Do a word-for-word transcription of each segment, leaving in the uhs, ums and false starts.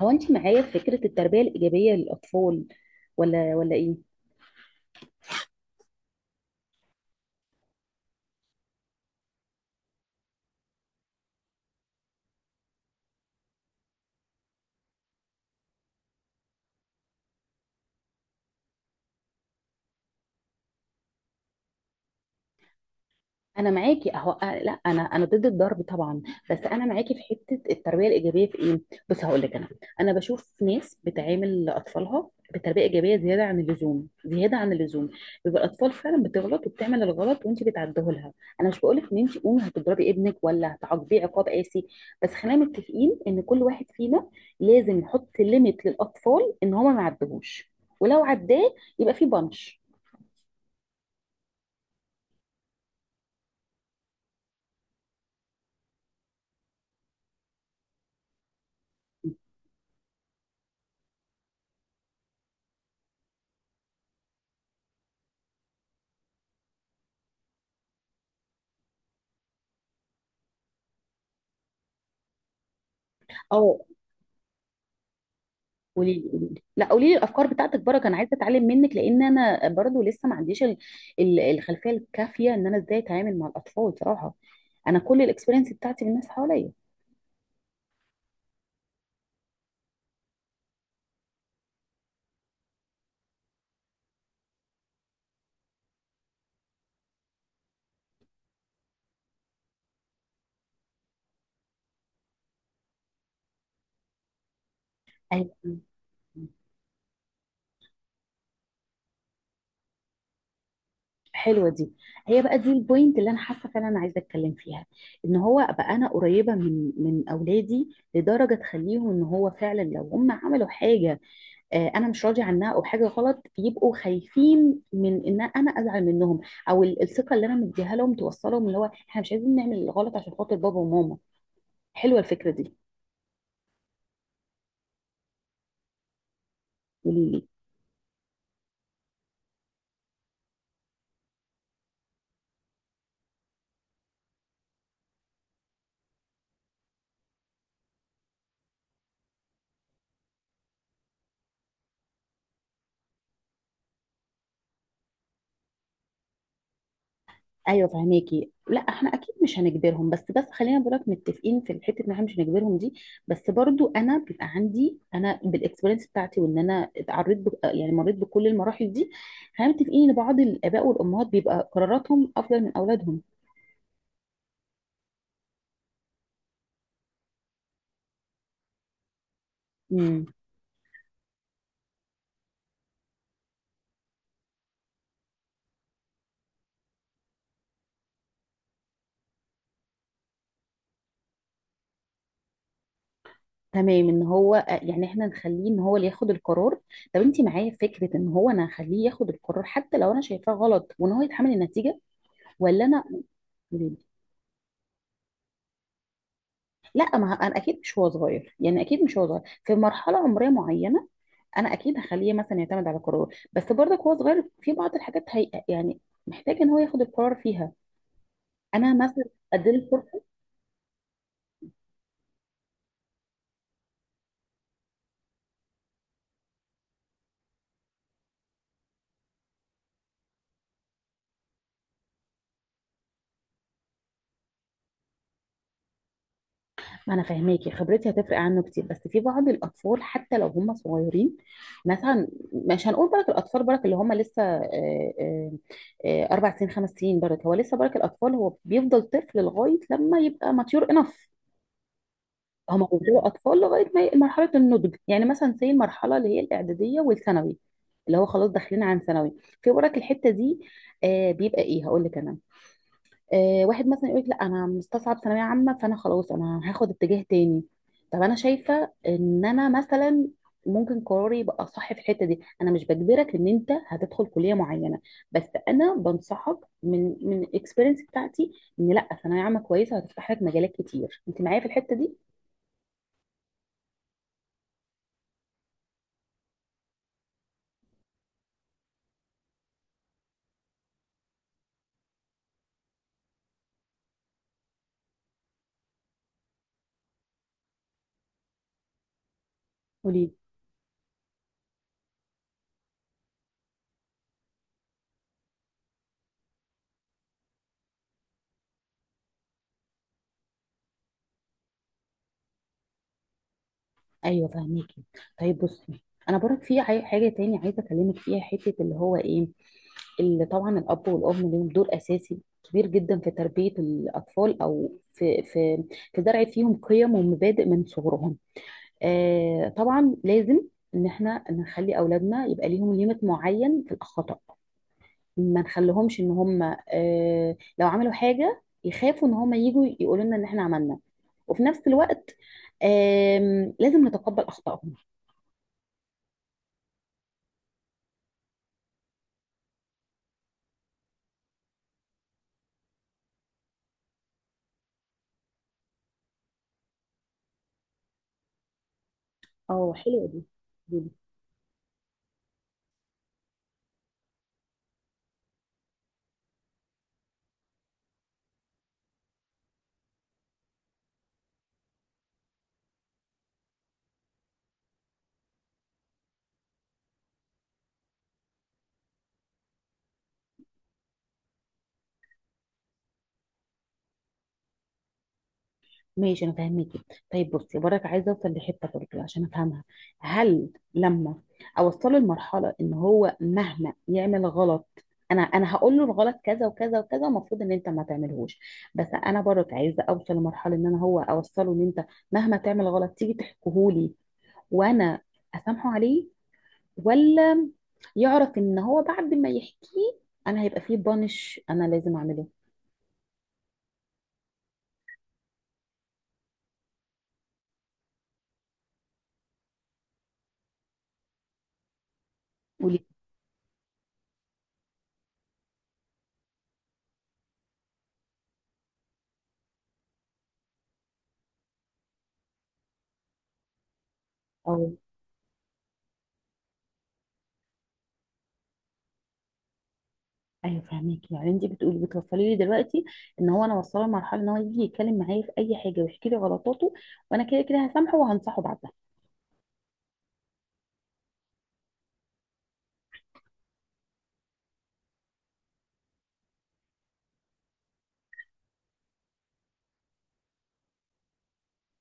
هو انت معايا في فكرة التربية الإيجابية للأطفال ولا ولا ايه؟ انا معاكي اهو. أه، لا انا انا ضد الضرب طبعا. بس انا معاكي في حته التربيه الايجابيه في ايه. بص هقول لك انا، انا بشوف ناس بتعامل اطفالها بتربيه ايجابيه زياده عن اللزوم، زياده عن اللزوم. بيبقى الاطفال فعلا بتغلط وبتعمل الغلط وانت بتعديه لها. انا مش بقول لك ان انت قومي هتضربي ابنك ولا هتعاقبيه عقاب قاسي، بس خلينا متفقين ان كل واحد فينا لازم يحط ليميت للاطفال ان هما ما يعدوهوش، ولو عداه يبقى في بنش. اه، قولي لي قولي لي لا، قولي لي الافكار بتاعتك برك. انا عايزه اتعلم منك، لان انا برضو لسه ما عنديش ال- ال- الخلفيه الكافيه ان انا ازاي اتعامل مع الاطفال صراحه. انا كل الاكسبيرينس بتاعتي بالناس حواليا. أيوة. حلوه دي. هي بقى دي البوينت اللي انا حاسه فعلا انا عايزه اتكلم فيها. ان هو بقى انا قريبه من من اولادي لدرجه تخليهم ان هو فعلا لو هم عملوا حاجه آه، انا مش راضي عنها او حاجه غلط، يبقوا خايفين من ان انا ازعل منهم. او ال- الثقه اللي انا مديها لهم توصلهم اللي هو احنا مش عايزين نعمل الغلط عشان خاطر بابا وماما. حلوه الفكره دي. قولي لي. ايوه فهماكي. لا احنا اكيد مش هنجبرهم. بس بس خلينا بقولك متفقين في الحته ان احنا مش هنجبرهم دي. بس برضو انا بيبقى عندي، انا بالاكسبيرينس بتاعتي وان انا اتعرضت ب... يعني مريت بكل المراحل دي. خلينا متفقين ان بعض الاباء والامهات بيبقى قراراتهم افضل من اولادهم. مم. تمام. ان هو آه، يعني احنا نخليه ان هو اللي ياخد القرار. طب انت معايا في فكره ان هو انا هخليه ياخد القرار حتى لو انا شايفاه غلط وان هو يتحمل النتيجه، ولا انا؟ لا، ما انا اكيد مش هو صغير، يعني اكيد مش هو صغير في مرحله عمريه معينه. انا اكيد هخليه مثلا يعتمد على قراره، بس برضك هو صغير في بعض الحاجات هي يعني محتاج ان هو ياخد القرار فيها. انا مثلا اديله. انا فاهماكي، خبرتي هتفرق عنه كتير، بس في بعض الاطفال حتى لو هم صغيرين، مثلا مش هنقول برك الاطفال برك اللي هم لسه آه، آه، آه، اربع سنين خمس سنين برك هو لسه. برك الاطفال هو بيفضل طفل لغايه لما يبقى ماتيور انف. هم بيفضلوا اطفال لغايه ما ي- مرحله النضج، يعني مثلا زي المرحله اللي هي الاعداديه والثانوي اللي هو خلاص داخلين عن ثانوي. في برك الحته دي آه، بيبقى ايه، هقول لك انا، آه، واحد مثلا يقول لك لا انا مستصعب ثانويه عامه فانا خلاص انا هاخد اتجاه تاني. طب انا شايفه ان انا مثلا ممكن قراري يبقى صح في الحته دي. انا مش بجبرك ان انت هتدخل كليه معينه، بس انا بنصحك من من الاكسبيرينس بتاعتي ان لا، ثانويه عامه كويسه هتفتح لك مجالات كتير. انت معايا في الحته دي؟ قولي لي. ايوه فهميكي. طيب بصي، انا برك في عاي- حاجه تاني عايزه اكلمك فيها، حته اللي هو ايه، اللي طبعا الاب والام ليهم دور اساسي كبير جدا في تربيه الاطفال او في في في زرع فيهم قيم ومبادئ من صغرهم. آه طبعا لازم ان احنا نخلي اولادنا يبقى ليهم ليميت معين في الخطا. ما نخليهمش ان هم آه لو عملوا حاجه يخافوا ان هم يجوا يقولوا لنا ان احنا عملنا، وفي نفس الوقت آم، لازم نتقبل اخطائهم. اه حلوة دي. ماشي انا فاهمكي. طيب بصي برك عايزه اوصل لحته برضه عشان افهمها. هل لما اوصله لمرحله ان هو مهما يعمل غلط، انا انا هقول له الغلط كذا وكذا وكذا المفروض ان انت ما تعملهوش. بس انا برك عايزه اوصل لمرحله ان انا هو اوصله ان انت مهما تعمل غلط تيجي تحكيهولي، وانا اسامحه عليه، ولا يعرف ان هو بعد ما يحكيه انا هيبقى فيه بانش انا لازم اعمله؟ قولي. ايوه فهميك. يعني انت بتقولي بتوصلي لي دلوقتي ان هو انا وصله لمرحله ان هو يجي يتكلم معايا في اي حاجه ويحكي لي غلطاته، وانا كده كده هسامحه وهنصحه بعدها.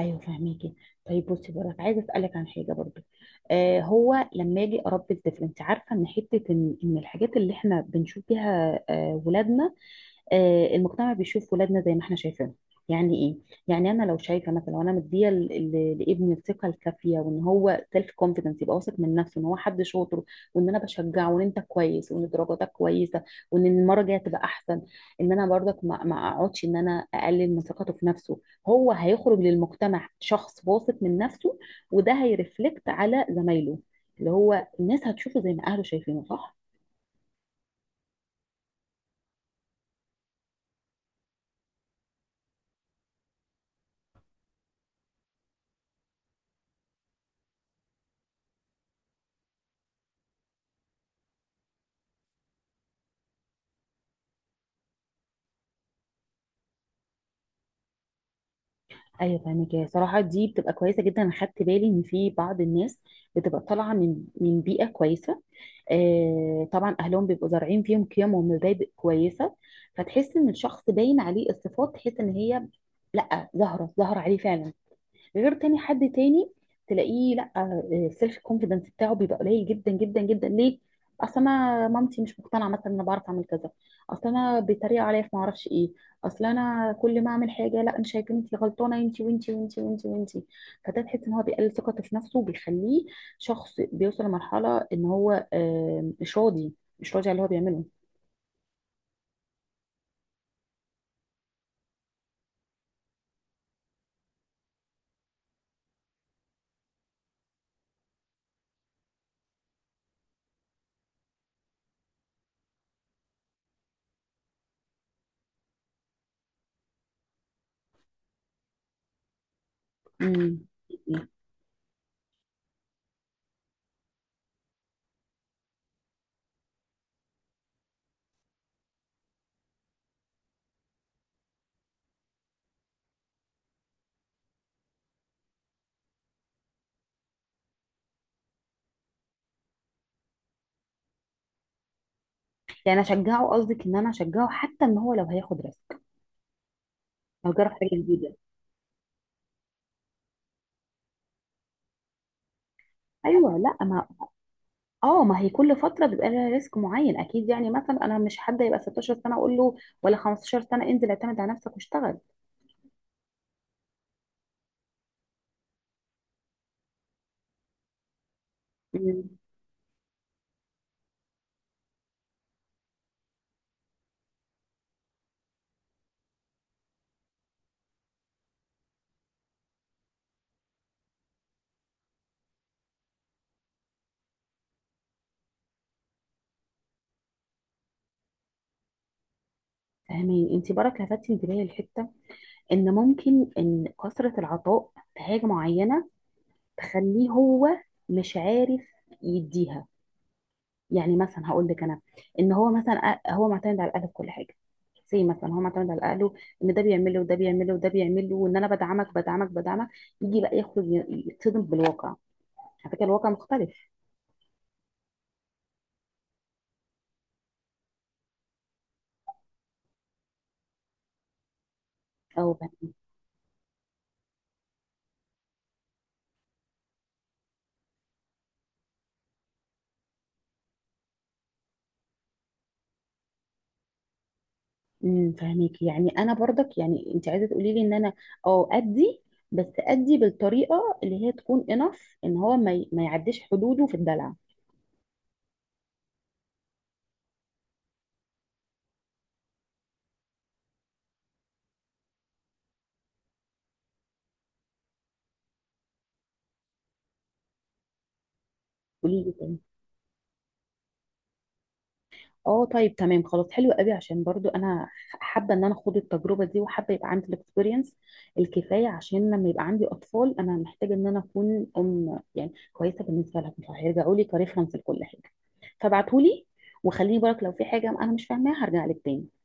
ايوه فهميكي. طيب بصي بقولك عايزه اسالك عن حاجه برضو. آه، هو لما اجي اربي الطفل انت عارفه ان حته ان ان الحاجات اللي احنا بنشوف بيها آه ولادنا، آه، المجتمع بيشوف ولادنا زي ما احنا شايفينهم. يعني ايه؟ يعني انا لو شايفه مثلا وانا مديه ل- ل- لابني الثقه الكافيه وان هو سيلف كونفيدنس يبقى واثق من نفسه ان هو حد شاطر، وان انا بشجعه وان انت كويس وان درجاتك كويسه وان المره الجايه تبقى احسن، ان انا برضك ما ما اقعدش ان انا اقلل من ثقته في نفسه، هو هيخرج للمجتمع شخص واثق من نفسه، وده هيرفلكت على زمايله اللي هو الناس هتشوفه زي ما اهله شايفينه، صح؟ ايوه فاهمك. هي صراحه دي بتبقى كويسه جدا. انا خدت بالي ان في بعض الناس بتبقى طالعه من من بيئه كويسه، آه طبعا اهلهم بيبقوا زارعين فيهم قيم ومبادئ كويسه، فتحس ان الشخص باين عليه الصفات، تحس ان هي لا ظاهره، ظاهره عليه فعلا. غير تاني حد تاني تلاقيه لا، السيلف كونفيدنس بتاعه بيبقى قليل جدا جدا جدا. ليه؟ اصل انا مامتي مش مقتنعه مثلا ان انا بعرف اعمل كذا. اصل انا بيتريق عليا في ما اعرفش ايه. اصل انا كل ما اعمل حاجه لا انا شايفه انت غلطانه، انت وانت وانت وانت وانت. فده تحس ان هو بيقلل ثقته في نفسه وبيخليه شخص بيوصل لمرحله ان هو آه، مش راضي، مش راضي على اللي هو بيعمله. امم. يعني اشجعه، قصدك ان انا اشجعه حتى ان هو لو هياخد ريسك، لو جرب حاجه جديده؟ ايوه. لا ما اه ما هي كل فتره بيبقى لها ريسك معين اكيد، يعني مثلا انا مش حد يبقى ستاشر سنه اقول له ولا خمستاشر سنه انزل اعتمد على نفسك واشتغل. مم. فاهمين. انت برك لفتتي انتباهي لحته ان ممكن ان كثره العطاء في حاجه معينه تخليه هو مش عارف يديها. يعني مثلا هقول لك انا، ان هو مثلا أ- هو معتمد على الاهل في كل حاجه، زي مثلا هو معتمد على اهله ان ده بيعمل له وده بيعمل له وده بيعمل له، وان انا بدعمك بدعمك بدعمك، يجي بقى يخرج ي- يتصدم بالواقع. على فكره الواقع مختلف. او ب- امم. فهميك. يعني انا برضك يعني انت عايزه تقولي لي ان انا اه ادي، بس ادي بالطريقه اللي هي تكون انف ان هو ما, ي... ما يعديش حدوده في الدلع. قولي لي تاني. اه طيب تمام خلاص، حلو قوي. عشان برضو انا حابه ان انا اخد التجربه دي، وحابه يبقى عندي الاكسبيرينس الكفايه عشان لما يبقى عندي اطفال انا محتاجه ان انا اكون ام يعني كويسه بالنسبه لهم فهيرجعوا لي كريفرنس لكل حاجه. فابعتهولي، وخليني بالك لو في حاجه انا مش فاهماها هرجع لك تاني.